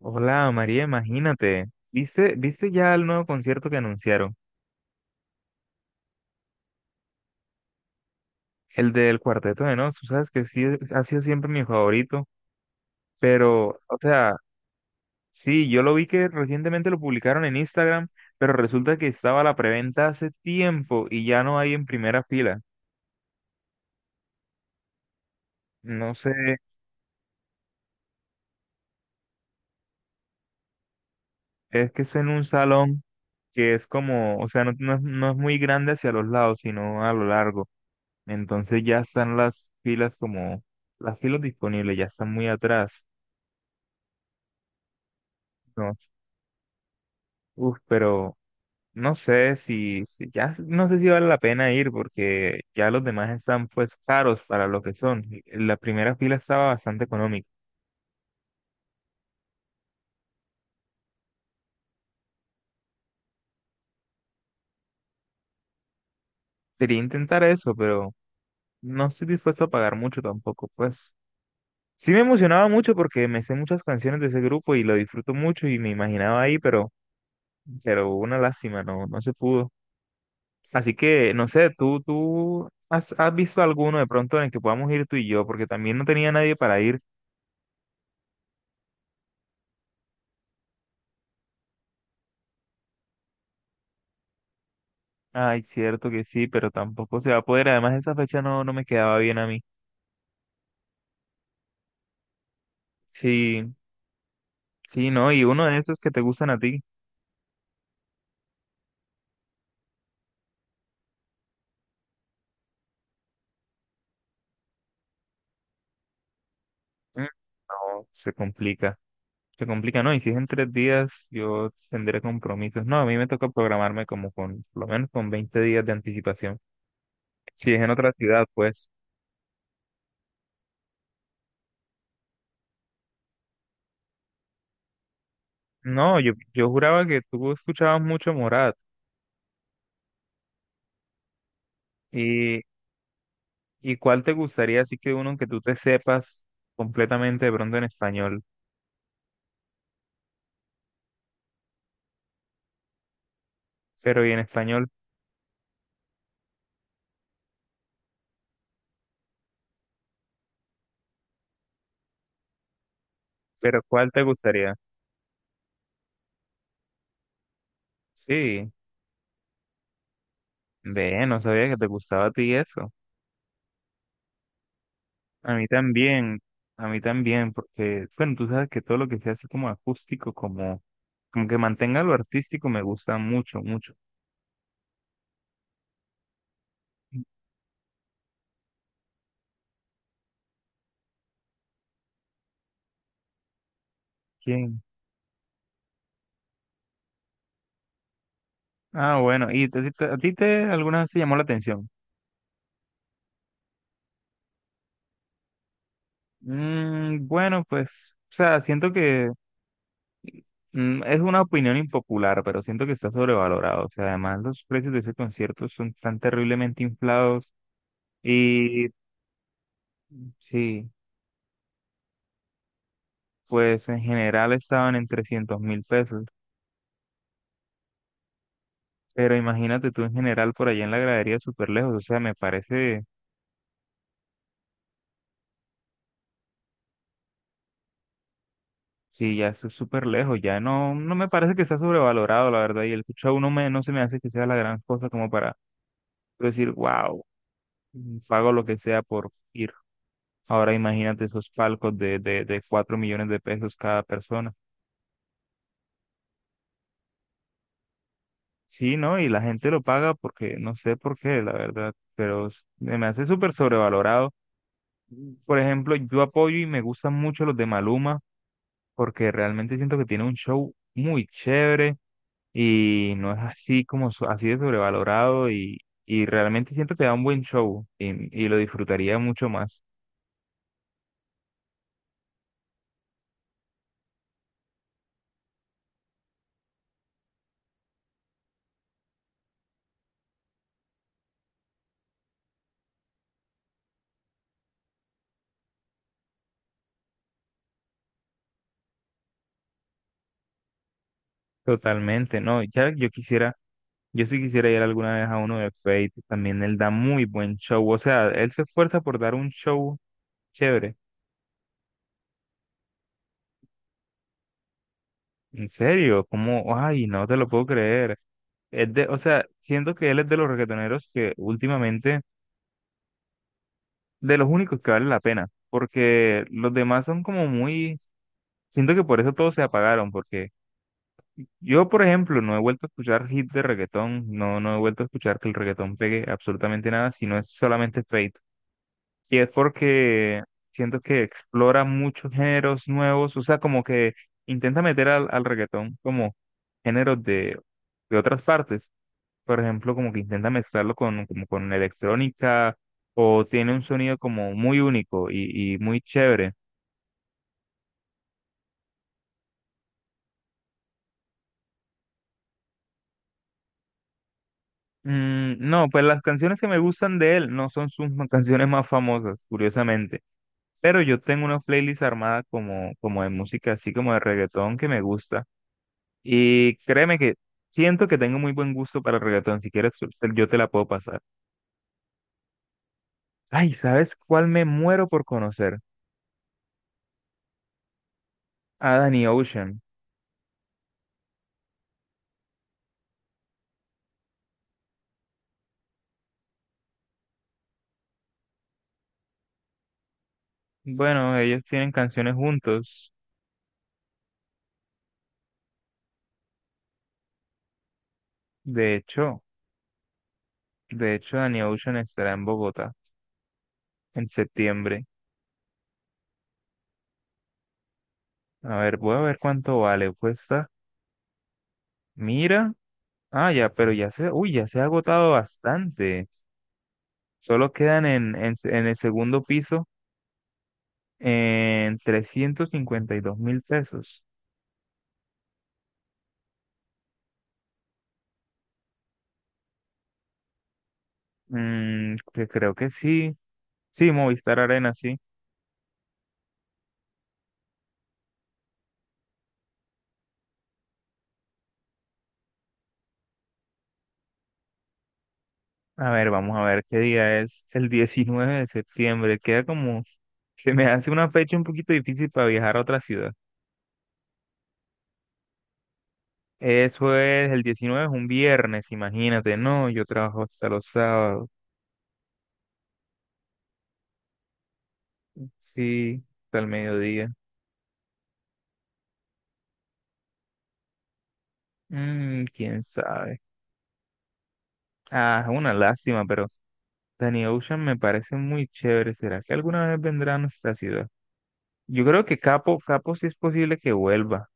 Hola María, imagínate. ¿Viste ya el nuevo concierto que anunciaron? El del Cuarteto de Nos. Tú sabes que sí ha sido siempre mi favorito. Pero, o sea, sí, yo lo vi que recientemente lo publicaron en Instagram, pero resulta que estaba la preventa hace tiempo y ya no hay en primera fila. No sé, es que es en un salón que es como, o sea, no, no es muy grande hacia los lados, sino a lo largo. Entonces ya están las filas disponibles ya están muy atrás. No. Uf, pero no sé si ya no sé si vale la pena ir porque ya los demás están pues caros para lo que son. La primera fila estaba bastante económica. Sería intentar eso, pero no estoy dispuesto a pagar mucho tampoco. Pues sí me emocionaba mucho porque me sé muchas canciones de ese grupo y lo disfruto mucho y me imaginaba ahí, pero una lástima, no, no se pudo. Así que no sé, tú has visto alguno de pronto en el que podamos ir tú y yo, porque también no tenía nadie para ir. Ay, cierto que sí, pero tampoco se va a poder. Además, esa fecha no me quedaba bien a mí. Sí, sí, no, y uno de estos que te gustan a ti. Mm. No, se complica. Se complica, no, y si es en 3 días, yo tendré compromisos. No, a mí me toca programarme por lo menos con 20 días de anticipación. Si es en otra ciudad, pues. No, yo juraba que tú escuchabas mucho Morat. ¿Y, y cuál te gustaría? Así que uno que tú te sepas completamente de pronto en español, pero y en español, pero ¿cuál te gustaría? Sí, ve, no sabía que te gustaba a ti eso. A mí también, a mí también, porque, bueno, tú sabes que todo lo que sea así como acústico, como que mantenga lo artístico, me gusta mucho, mucho. ¿Quién? Ah, bueno, ¿y a ti te alguna vez te llamó la atención? Mm, bueno, pues, o sea, siento que es una opinión impopular, pero siento que está sobrevalorado. O sea, además los precios de ese concierto son tan terriblemente inflados y sí. Pues en general estaban en 300.000 pesos. Pero imagínate tú en general por allá en la gradería súper lejos. O sea, me parece, sí, ya es súper lejos. Ya no me parece que sea sobrevalorado, la verdad. Y el cucho a uno no se me hace que sea la gran cosa como para decir, wow, pago lo que sea por ir. Ahora imagínate esos palcos de 4 millones de pesos cada persona. Sí, ¿no? Y la gente lo paga porque, no sé por qué, la verdad, pero se me hace súper sobrevalorado. Por ejemplo, yo apoyo y me gustan mucho los de Maluma porque realmente siento que tiene un show muy chévere y no es así como so- así de sobrevalorado y realmente siento que da un buen show y lo disfrutaría mucho más. Totalmente, ¿no? Yo sí quisiera ir alguna vez a uno de Fate, también él da muy buen show, o sea, él se esfuerza por dar un show chévere. En serio, ¿cómo? Ay, no te lo puedo creer. Es de, o sea, siento que él es de los reggaetoneros que últimamente, de los únicos que vale la pena, porque los demás son como muy, siento que por eso todos se apagaron, porque yo, por ejemplo, no he vuelto a escuchar hits de reggaetón, no he vuelto a escuchar que el reggaetón pegue absolutamente nada, sino es solamente Fate. Y es porque siento que explora muchos géneros nuevos, o sea, como que intenta meter al reggaetón como géneros de otras partes. Por ejemplo, como que intenta mezclarlo como con electrónica o tiene un sonido como muy único y muy chévere. Mm, no, pues las canciones que me gustan de él no son sus canciones más famosas, curiosamente, pero yo tengo una playlist armada como de música, así como de reggaetón que me gusta y créeme que siento que tengo muy buen gusto para el reggaetón, si quieres yo te la puedo pasar. Ay, ¿sabes cuál me muero por conocer? A Danny Ocean. Bueno, ellos tienen canciones juntos. De hecho, de hecho, Danny Ocean estará en Bogotá en septiembre. A ver, voy a ver cuánto vale. Cuesta. Mira. Ah, ya, pero uy, ya se ha agotado bastante. Solo quedan en el segundo piso en 352.000 pesos. Mm, que creo que sí. Sí, Movistar Arena, sí. A ver, vamos a ver qué día es. El 19 de septiembre. Se me hace una fecha un poquito difícil para viajar a otra ciudad. Eso es el 19, es un viernes, imagínate, no, yo trabajo hasta los sábados, sí, hasta el mediodía. Mm, quién sabe. Ah, es una lástima, pero Danny Ocean me parece muy chévere. ¿Será que alguna vez vendrá a nuestra ciudad? Yo creo que Capo, Capo sí es posible que vuelva.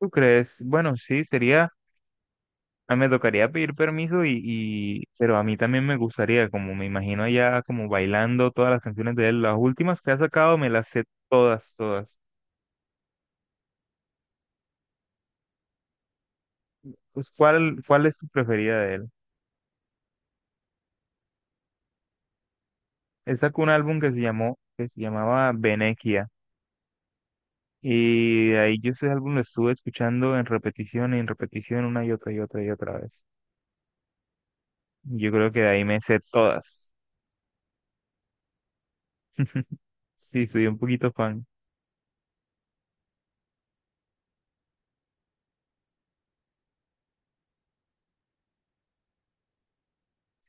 ¿Tú crees? Bueno, sí, sería, ah, me tocaría pedir permiso pero a mí también me gustaría, como me imagino allá como bailando todas las canciones de él. Las últimas que ha sacado me las sé todas, todas. Pues, ¿cuál es tu preferida de él? Él sacó un álbum que se llamaba Venequia. Y de ahí yo ese álbum lo estuve escuchando en repetición y en repetición una y otra y otra y otra vez. Yo creo que de ahí me sé todas. Sí, soy un poquito fan.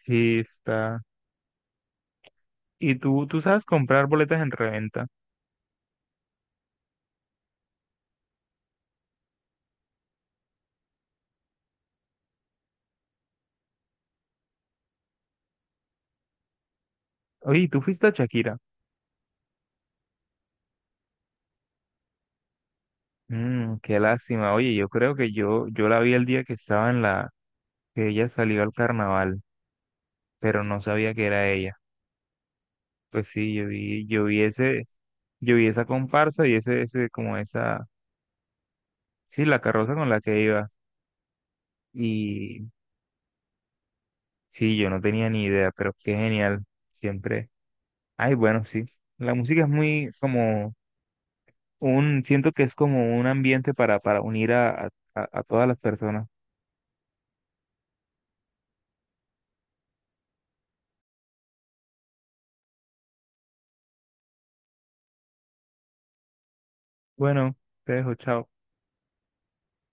Sí, está. Y tú sabes comprar boletas en reventa. Oye, ¿tú fuiste a Shakira? Mm, qué lástima. Oye, yo creo que yo la vi el día que estaba en la, que ella salió al carnaval, pero no sabía que era ella. Pues sí, yo vi esa comparsa y sí, la carroza con la que iba. Y sí, yo no tenía ni idea, pero qué genial. Siempre. Ay, bueno, sí. La música es muy como siento que es como un ambiente para unir a todas las personas. Bueno, te dejo, chao.